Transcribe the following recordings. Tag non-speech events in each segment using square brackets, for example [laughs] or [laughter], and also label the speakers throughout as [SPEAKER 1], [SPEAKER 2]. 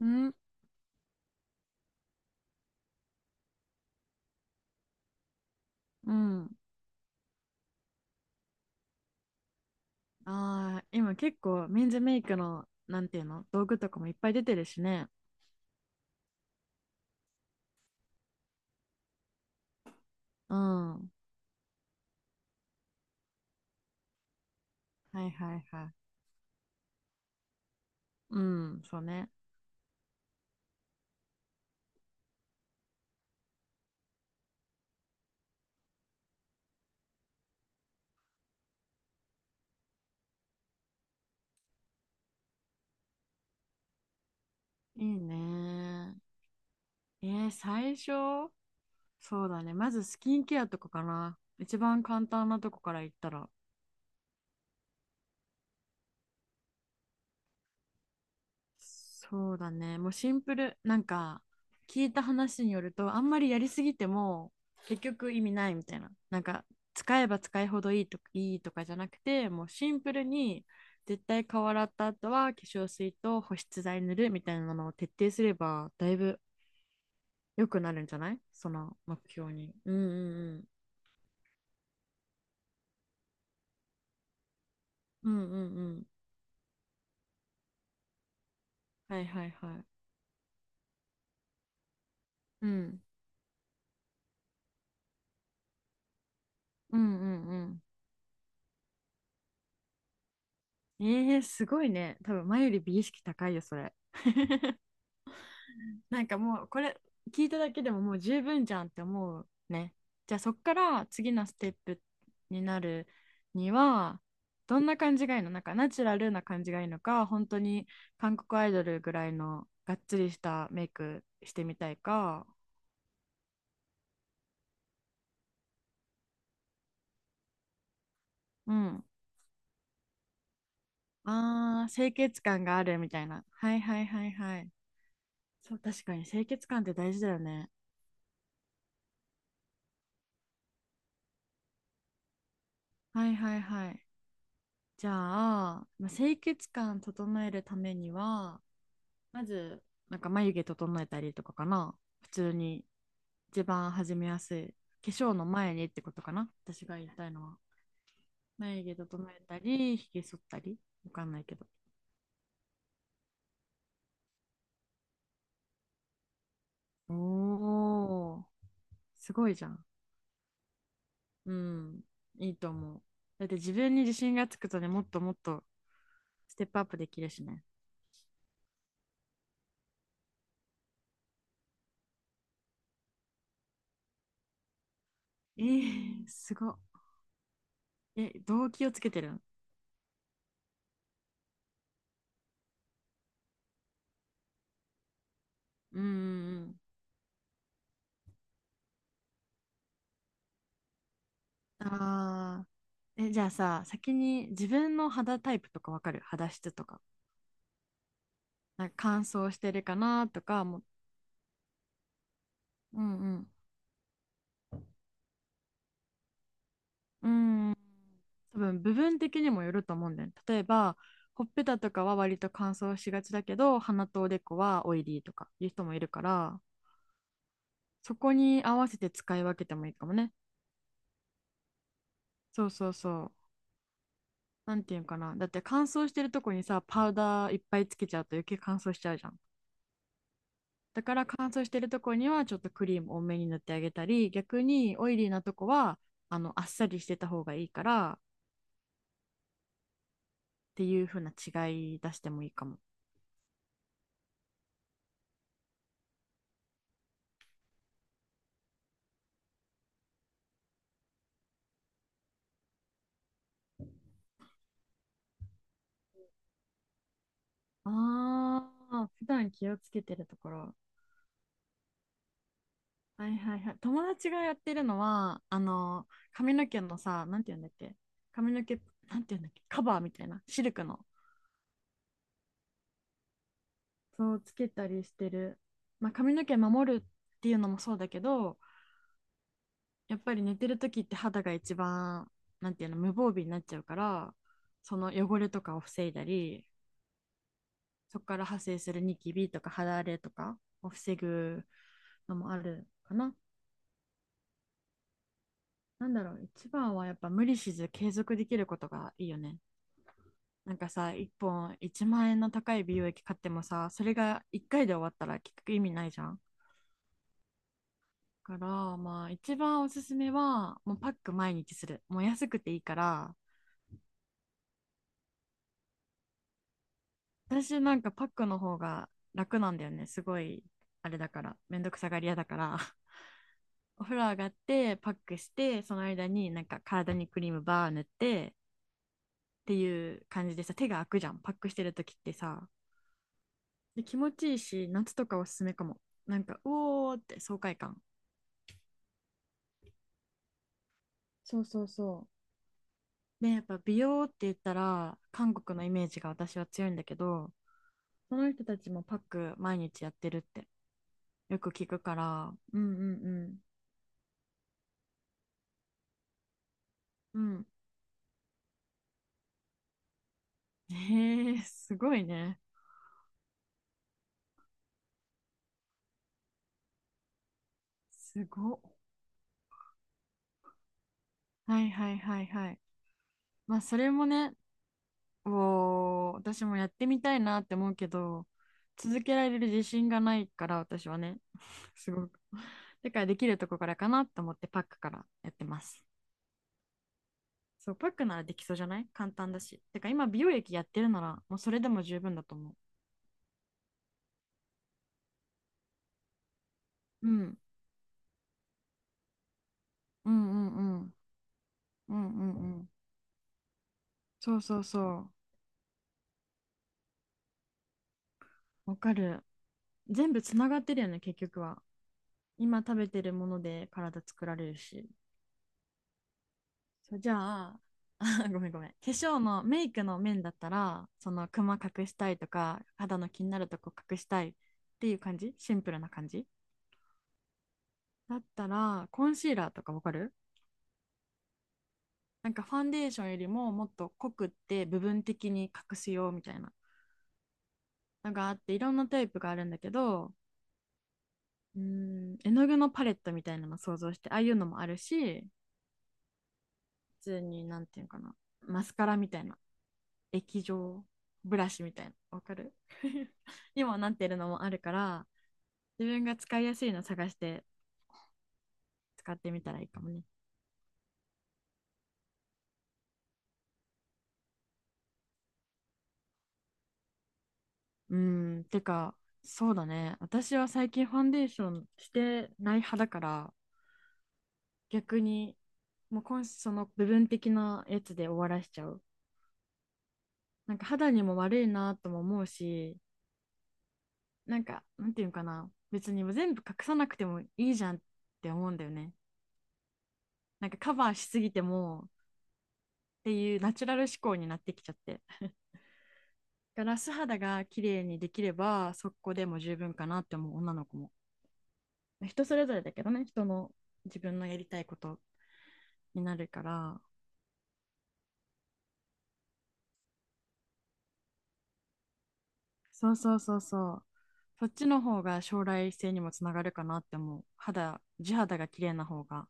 [SPEAKER 1] うん、うん。ああ、今結構メンズメイクの、なんていうの、道具とかもいっぱい出てるしね。うん。はいはいはい。うん、そうね。いいね。最初、そうだね。まずスキンケアとかかな。一番簡単なとこからいったら。そうだね。もうシンプル。聞いた話によると、あんまりやりすぎても、結局意味ないみたいな。なんか、使えば使いほどいいとか、いいとかじゃなくて、もうシンプルに、絶対顔洗った後は化粧水と保湿剤塗るみたいなのを徹底すれば、だいぶ良くなるんじゃない、その目標に。うんうんうん。うんうんうん。はいはいはい。うん。うんうんうん。ええー、すごいね。多分前より美意識高いよ、それ。なんかもうこれ聞いただけでももう十分じゃんって思うね。じゃあそっから次のステップになるには、どんな感じがいいの？なんかナチュラルな感じがいいのか、本当に韓国アイドルぐらいのがっつりしたメイクしてみたいか。うん。あー、清潔感があるみたいな。はいはいはいはい。そう、確かに清潔感って大事だよね。はいはいはい。じゃあ、まあ、清潔感整えるためには、まず、なんか眉毛整えたりとかかな。普通に一番始めやすい。化粧の前にってことかな、私が言いたいのは。眉毛整えたり、ひげ剃ったり。わかんないけど。おー、すごいじゃん。うん、いいと思う。だって自分に自信がつくとね、もっともっとステップアップできるしね。えー、すごっ。え、動機をつけてるん？うんうんうん。あー、え、じゃあさ、先に自分の肌タイプとかわかる？肌質とか。なんか乾燥してるかなとかも。う、うんうん、うーん、多分部分的にもよると思うんだよね。例えばほっぺたとかは割と乾燥しがちだけど、鼻とおでこはオイリーとかいう人もいるから、そこに合わせて使い分けてもいいかもね。そうそうそう。なんていうんかな、だって乾燥してるとこにさ、パウダーいっぱいつけちゃうと余計乾燥しちゃうじゃん。だから乾燥してるとこにはちょっとクリーム多めに塗ってあげたり、逆にオイリーなとこはあっさりしてた方がいいからっていう風な違い出してもいいかも。ああ、普段気をつけてるところ。はいはいはい。友達がやってるのは、あの、髪の毛のさ、なんて言うんだっけ、髪の毛、なんて言うんだっけ、カバーみたいな、シルクの。そう、つけたりしてる。まあ、髪の毛守るっていうのもそうだけど、やっぱり寝てる時って肌が一番、なんていうの、無防備になっちゃうから、その汚れとかを防いだり、そこから派生するニキビとか肌荒れとかを防ぐのもあるかな。なんだろう、一番はやっぱ無理せず継続できることがいいよね。なんかさ、1本1万円の高い美容液買ってもさ、それが1回で終わったら結局意味ないじゃん。だから、まあ一番おすすめは、もうパック毎日する。もう安くていいから。私なんかパックの方が楽なんだよね。すごい、あれだから、めんどくさがり屋だから。お風呂上がってパックして、その間になんか体にクリームバー塗ってっていう感じで、さ手が開くじゃんパックしてる時って。さで気持ちいいし、夏とかおすすめかも。なんかうおーって爽快感。そうそうそう。でやっぱ美容って言ったら韓国のイメージが私は強いんだけど、その人たちもパック毎日やってるってよく聞くから。う。うんうんうん。うん。へえ、すごいね。すごっ。はいはいはいはい。まあ、それもね、おー、私もやってみたいなって思うけど、続けられる自信がないから、私はね、[laughs] すごく。だからできるとこからかなと思ってパックからやってます。そう、パックならできそうじゃない？簡単だし。てか今、美容液やってるなら、もうそれでも十分だと思う。うん。うんうんうん。うんうんうん。そうそうそう。わかる。全部つながってるよね、結局は。今食べてるもので体作られるし。そうじゃあ、あ [laughs] ごめんごめん、化粧のメイクの面だったら、そのクマ隠したいとか肌の気になるとこ隠したいっていう感じ、シンプルな感じだったらコンシーラーとかわかる？なんかファンデーションよりももっと濃くって部分的に隠すよみたいなのがあって、いろんなタイプがあるんだけど、うーん絵の具のパレットみたいなの想像して、ああいうのもあるし、普通になんていうのかな、マスカラみたいな液状、ブラシみたいな、わかる？ [laughs] にもなってるのもあるから、自分が使いやすいの探して使ってみたらいいかもね。うん、てか、そうだね、私は最近ファンデーションしてない派だから、逆にもう今その部分的なやつで終わらしちゃう。なんか肌にも悪いなとも思うし、なんかなんていうのかな、別に全部隠さなくてもいいじゃんって思うんだよね。なんかカバーしすぎてもっていう、ナチュラル思考になってきちゃって、だから素肌が綺麗にできればそこでも十分かなって思う女の子も。人それぞれだけどね、人の、自分のやりたいことになるから。そうそうそうそう。そっちの方が将来性にもつながるかなって思う。肌、地肌が綺麗な方が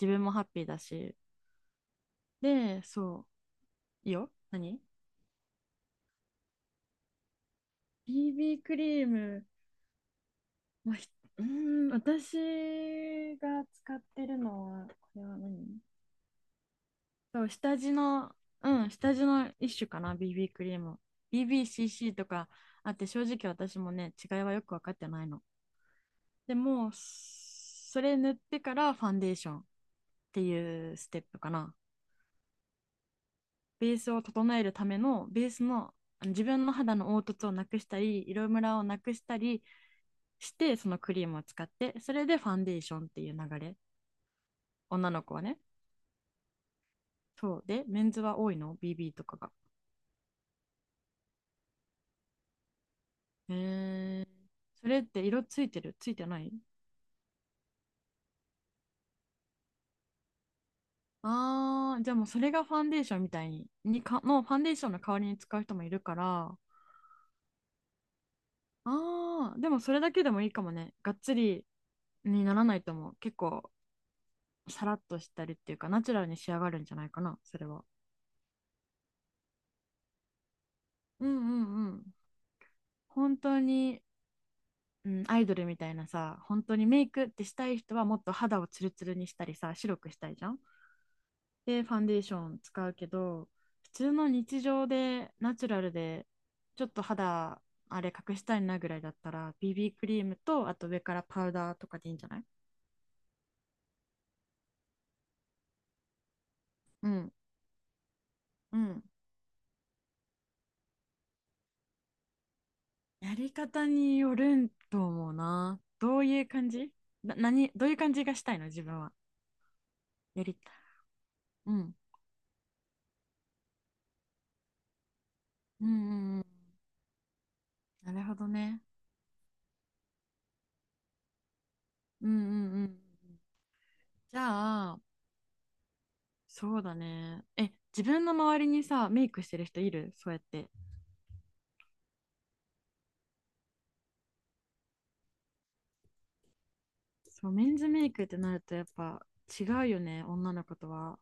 [SPEAKER 1] 自分もハッピーだし。でそう、いいよ何。 BB クリーム、まあ、ひ、うーん、私が使ってるのはこれは何、そう、下地の、うん、下地の一種かな、BB クリーム。BBCC とかあって、正直私もね、違いはよく分かってないの。でもそれ塗ってからファンデーションっていうステップかな。ベースを整えるための、ベースの、あの自分の肌の凹凸をなくしたり、色ムラをなくしたりして、そのクリームを使って、それでファンデーションっていう流れ。女の子はね。そう。で、メンズは多いの？ BB とかが。へえ。それって色ついてる？ついてない？ああー、じゃあもうそれがファンデーションみたいに、にか、のファンデーションの代わりに使う人もいるから。ああ、でもそれだけでもいいかもね。がっつりにならないと思う。結構、さらっとしたりっていうか、ナチュラルに仕上がるんじゃないかな、それは。うんうんうん。本当に、うん、アイドルみたいなさ、本当にメイクってしたい人はもっと肌をツルツルにしたりさ、白くしたいじゃん。でファンデーション使うけど、普通の日常でナチュラルでちょっと肌あれ隠したいなぐらいだったら、 BB クリームとあと上からパウダーとかでいいんじゃない？うんうん。やり方によるんと思うな。どういう感じな？何どういう感じがしたいの自分は？やりたい。うんうんうんうん。なるほどね。うんうんうん。じゃあ、そうだね、え自分の周りにさメイクしてる人いる？そうやって。そう、メンズメイクってなるとやっぱ違うよね、女の子とは。